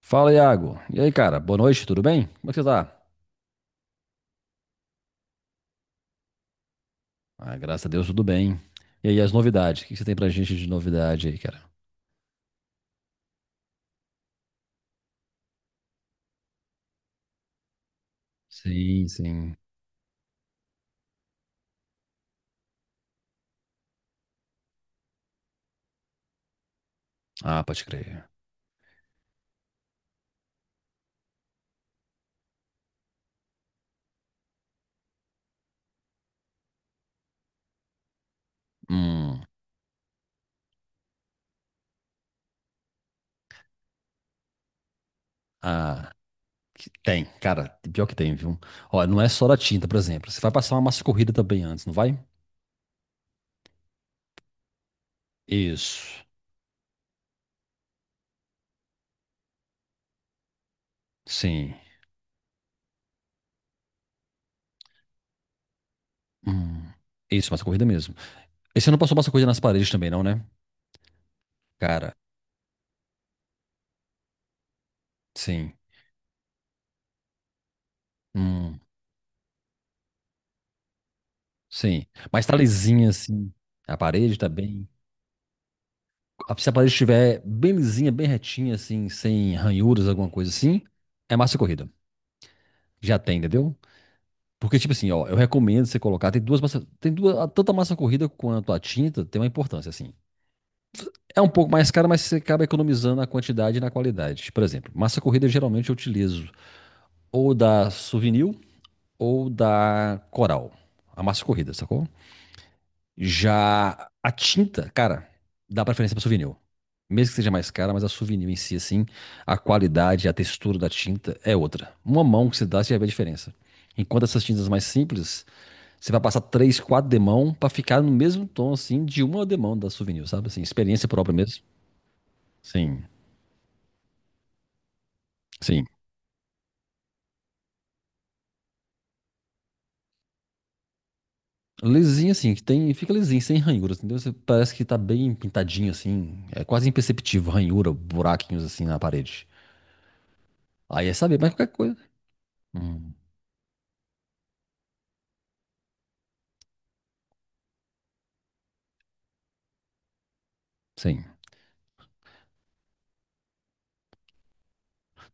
Fala, Iago. E aí, cara? Boa noite, tudo bem? Como é que você tá? Ah, graças a Deus, tudo bem. E aí, as novidades? O que que você tem pra gente de novidade aí, cara? Sim, sim. Ah, pode crer. Hum. Ah, que- tem, cara. Pior que tem, viu? Olha, não é só da tinta, por exemplo. Você vai passar uma massa corrida também antes, não vai? Isso. Sim. Hum. Isso, massa corrida mesmo. E você não passou massa corrida nas paredes também, não, né? Cara, sim. Hum. Sim. Mas tá lisinha, assim. A parede tá bem. Ah, se a parede estiver bem lisinha, bem retinha, assim, sem ranhuras, alguma coisa assim, é massa corrida. Já tem, entendeu? Porque, tipo assim, ó, eu recomendo você colocar. Tem duas massas. Tanto a massa corrida quanto a tinta tem uma importância, assim. É um pouco mais cara, mas você acaba economizando na quantidade e na qualidade. Por exemplo, massa corrida geralmente eu utilizo ou da Souvenir ou da Coral. A massa corrida, sacou? Já a tinta, cara, dá preferência pra Souvenir. Mesmo que seja mais cara, mas a Souvenir em si, assim, a qualidade, a textura da tinta é outra. Uma mão que você dá, você já vê a diferença. Enquanto essas tintas mais simples, você vai passar três, quatro demão pra ficar no mesmo tom, assim, de uma demão da Souvenir, sabe? Assim, experiência própria mesmo. Sim, sim. Lisinho, assim, que tem, fica lisinho, sem ranhuras, entendeu? Você parece que tá bem pintadinho, assim. É quase imperceptível, ranhura, buraquinhos, assim, na parede. Aí é saber, mas qualquer coisa. Hum, sim.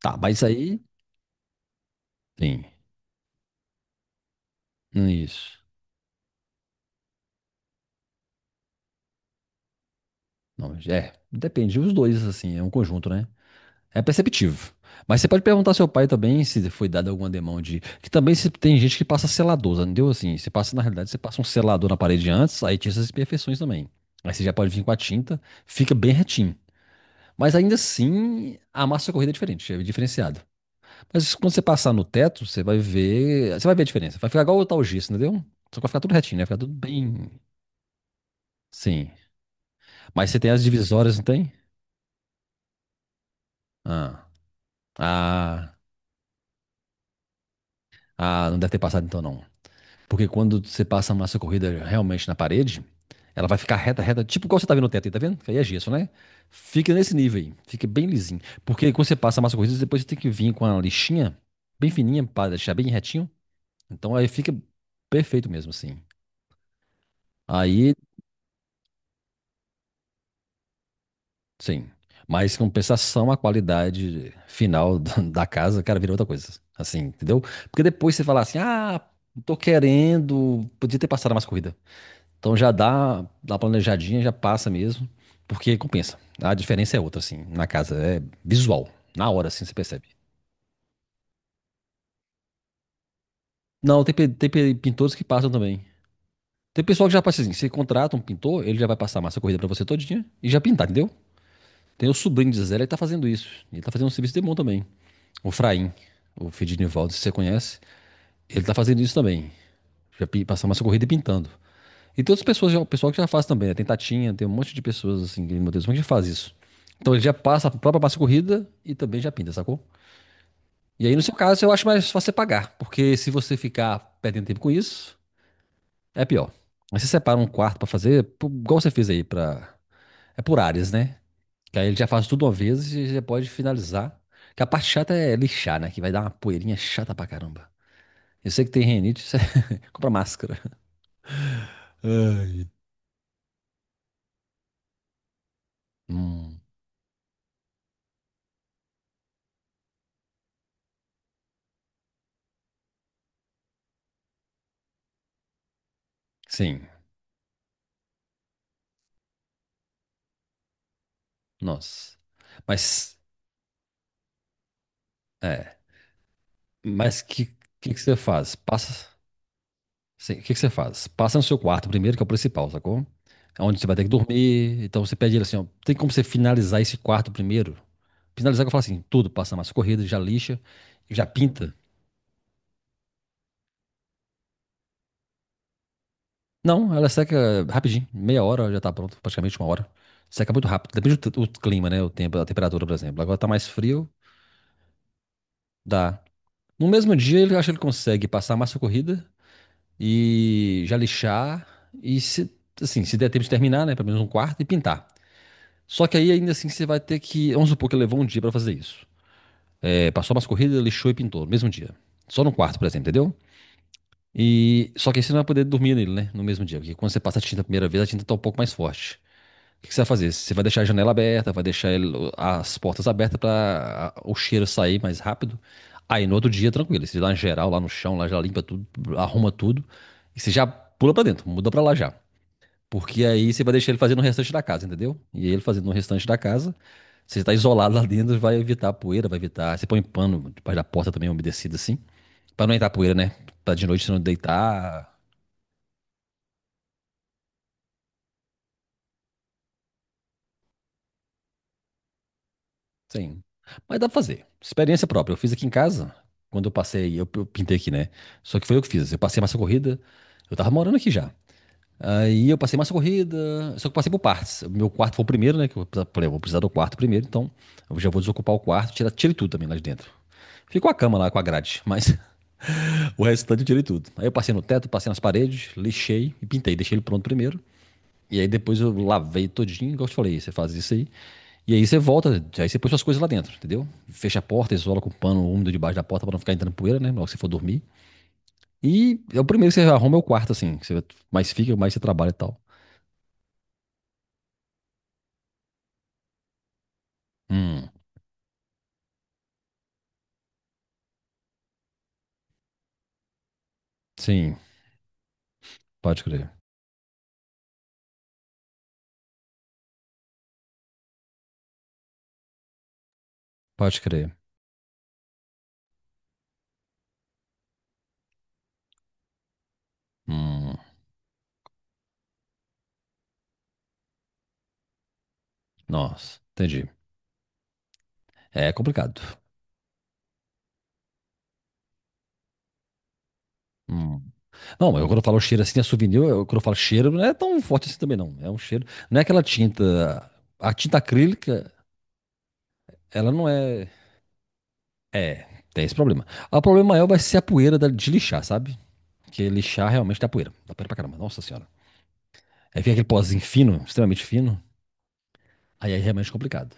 Tá, mas aí. Sim, isso. Não, é, depende os dois, assim, é um conjunto, né? É perceptivo. Mas você pode perguntar ao seu pai também se foi dado alguma demão de. Que também se, tem gente que passa selador, entendeu? Assim, você passa, na realidade, você passa um selador na parede antes, aí tinha essas imperfeições também. Aí você já pode vir com a tinta, fica bem retinho. Mas ainda assim, a massa corrida é diferente, é diferenciado. Mas quando você passar no teto, você vai ver. Você vai ver a diferença. Vai ficar igual o tal gesso, entendeu? Só que vai ficar tudo retinho, né? Vai ficar tudo bem. Sim. Mas você tem as divisórias, não tem? Ah, ah, ah, não deve ter passado então não. Porque quando você passa a massa corrida realmente na parede, ela vai ficar reta, reta, tipo igual você tá vendo no teto aí, tá vendo? Que aí é gesso, né? Fica nesse nível aí, fica bem lisinho. Porque quando você passa a massa corrida, depois você tem que vir com a lixinha bem fininha para deixar bem retinho. Então aí fica perfeito mesmo assim. Aí sim. Mas em compensação, a qualidade final da casa, cara, vira outra coisa. Assim, entendeu? Porque depois você fala assim, ah, tô querendo, podia ter passado mais corrida. Então dá uma planejadinha, já passa mesmo, porque compensa. A diferença é outra, assim, na casa. É visual. Na hora, assim, você percebe. Não, tem, pintores que passam também. Tem pessoal que já passa assim, você contrata um pintor, ele já vai passar a massa corrida pra você todinha e já pintar, entendeu? Tem o sobrinho de Zé, ele tá fazendo isso. Ele tá fazendo um serviço de mão também. O Fraim, o filho de Nivaldo, se você conhece, ele tá fazendo isso também. Já passando uma corrida e pintando. E todas as pessoas, o pessoal que já faz também, né? Tem Tatinha, tem um monte de pessoas assim, que, meu Deus, como é que já faz isso? Então ele já passa a própria massa corrida e também já pinta, sacou? E aí, no seu caso, eu acho mais fácil você pagar, porque se você ficar perdendo tempo com isso, é pior. Aí você separa um quarto pra fazer, pô, igual você fez aí, pra... é por áreas, né? Que aí ele já faz tudo uma vez e já pode finalizar. Que a parte chata é lixar, né? Que vai dar uma poeirinha chata pra caramba. Eu sei que tem rinite, você compra máscara. Ai. Hum, sim, nossa. Mas, é, mas que que você faz? Passa, sim, que você faz? Passa no seu quarto primeiro, que é o principal, sacou? É onde você vai ter que dormir. Então você pede ele assim, ó, tem como você finalizar esse quarto primeiro? Finalizar que eu falo assim, tudo, passa massa corrida, já lixa, já pinta. Não, ela seca rapidinho, meia hora já tá pronto, praticamente uma hora. Seca muito rápido, depende do clima, né? O tempo, a temperatura, por exemplo. Agora tá mais frio, dá. No mesmo dia, ele acha que ele consegue passar a massa corrida e já lixar e se, assim, se der tempo de terminar, né, pelo menos um quarto e pintar. Só que aí ainda assim você vai ter que, vamos supor que ele levou um dia pra fazer isso. É, passou a massa corrida, lixou e pintou no mesmo dia. Só no quarto, por exemplo, entendeu? E só que aí você não vai poder dormir nele, né, no mesmo dia, porque quando você passa a tinta a primeira vez, a tinta tá um pouco mais forte. O que você vai fazer? Você vai deixar a janela aberta, vai deixar as portas abertas para o cheiro sair mais rápido. Aí no outro dia, tranquilo, você dá uma geral lá no chão, lá já limpa tudo, arruma tudo e você já pula pra dentro, muda pra lá já. Porque aí você vai deixar ele fazendo o restante da casa, entendeu? E ele fazendo o restante da casa, você tá isolado lá dentro, vai evitar a poeira, vai evitar. Você põe pano debaixo da porta também umedecido assim, pra não entrar poeira, né? Pra de noite você não deitar, sim. Mas dá pra fazer. Experiência própria. Eu fiz aqui em casa, quando eu passei, eu pintei aqui, né? Só que foi eu que fiz. Eu passei massa corrida, eu tava morando aqui já. Aí eu passei massa corrida, só que eu passei por partes. O meu quarto foi o primeiro, né? Que eu falei, eu vou precisar do quarto primeiro, então eu já vou desocupar o quarto, tirei tudo também lá de dentro. Ficou a cama lá com a grade, mas o restante eu tirei tudo. Aí eu passei no teto, passei nas paredes, lixei e pintei. Deixei ele pronto primeiro. E aí depois eu lavei todinho, igual eu te falei, você faz isso aí. E aí você volta, aí você põe suas coisas lá dentro, entendeu? Fecha a porta, isola com o pano úmido debaixo da porta pra não ficar entrando poeira, né? Logo que você for dormir. E é o primeiro que você arruma é o quarto, assim. Que Você mais fica, mais você trabalha e tal. Hum, sim, pode crer. Pode crer. Hum, nossa, entendi. É complicado. Hum. Não, mas quando eu falo cheiro assim, é Souvenir, eu, quando eu falo cheiro, não é tão forte assim também, não. É um cheiro. Não é aquela tinta. A tinta acrílica, ela não é. É, tem esse problema. Ah, o problema maior vai ser a poeira de lixar, sabe? Porque lixar realmente dá poeira. Dá poeira pra caramba. Nossa senhora. Aí fica aquele pozinho fino, extremamente fino. Aí é realmente complicado.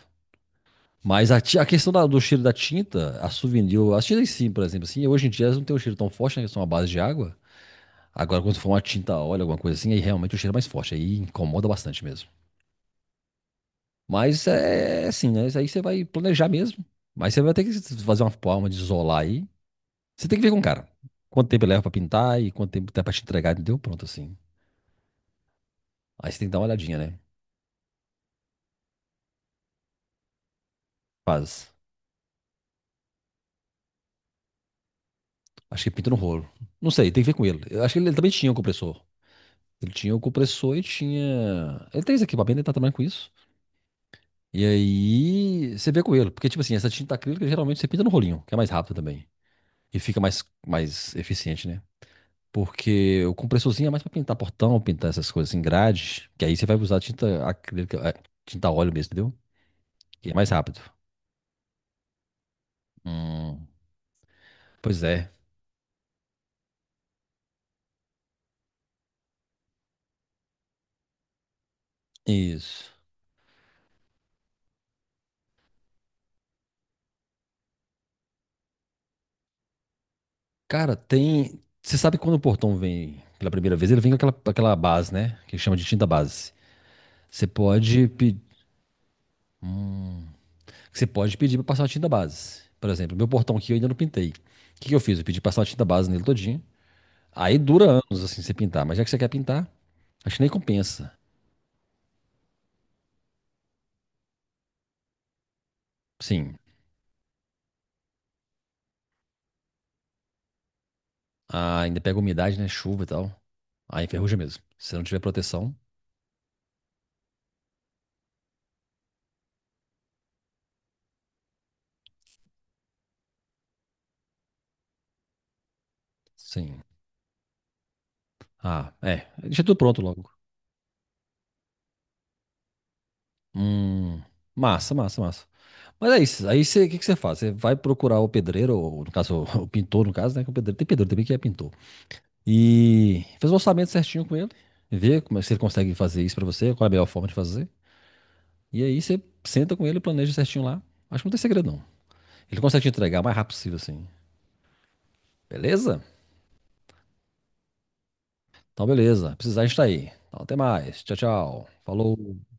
Mas a questão do cheiro da tinta, a Souvenir, as tintas sim, por exemplo, assim, hoje em dia elas não têm um cheiro tão forte, né? Que são à base de água. Agora, quando for uma tinta a óleo, alguma coisa assim, aí realmente o cheiro é mais forte. Aí incomoda bastante mesmo. Mas é assim, né? Isso aí você vai planejar mesmo. Mas você vai ter que fazer uma forma de isolar aí. Você tem que ver com o cara. Quanto tempo ele leva pra pintar e quanto tempo dá pra te entregar, entendeu? Pronto, assim. Aí você tem que dar uma olhadinha, né? Faz. Acho que pinta no rolo. Não sei, tem que ver com ele. Eu acho que ele também tinha um compressor. Ele tinha o compressor e tinha. Ele tem esse equipamento, ele tá trabalhando com isso. E aí você vê com ele. Porque, tipo assim, essa tinta acrílica geralmente você pinta no rolinho, que é mais rápido também. E fica mais eficiente, né? Porque o compressorzinho é mais pra pintar portão, pintar essas coisas em grade. Que aí você vai usar tinta acrílica, é, tinta óleo mesmo, entendeu? Que é mais rápido. Hum. Pois é, isso. Cara, tem. Você sabe quando o portão vem pela primeira vez, ele vem com aquela, aquela base, né? Que chama de tinta base. Você pode, pe- Você pode pedir pra passar a tinta base. Por exemplo, meu portão aqui eu ainda não pintei. O que que eu fiz? Eu pedi passar a tinta base nele todinho. Aí dura anos assim você pintar, mas já que você quer pintar, acho que nem compensa. Sim, ah, ainda pega umidade, né? Chuva e tal. Aí enferruja mesmo. Se não tiver proteção, sim. Ah, é. Deixa tudo pronto logo. Hum, massa, massa, massa. Mas é isso. Aí você, o que que você faz? Você vai procurar o pedreiro, ou no caso, o pintor, no caso, né? Que é o pedreiro, tem pedreiro também que é pintor. E faz o orçamento certinho com ele, vê como, se ele consegue fazer isso pra você, qual é a melhor forma de fazer. E aí você senta com ele e planeja certinho lá. Acho que não tem segredo, não. Ele consegue te entregar o mais rápido possível, assim. Beleza? Então, beleza. Precisar, a gente tá aí. Então, até mais. Tchau, tchau. Falou.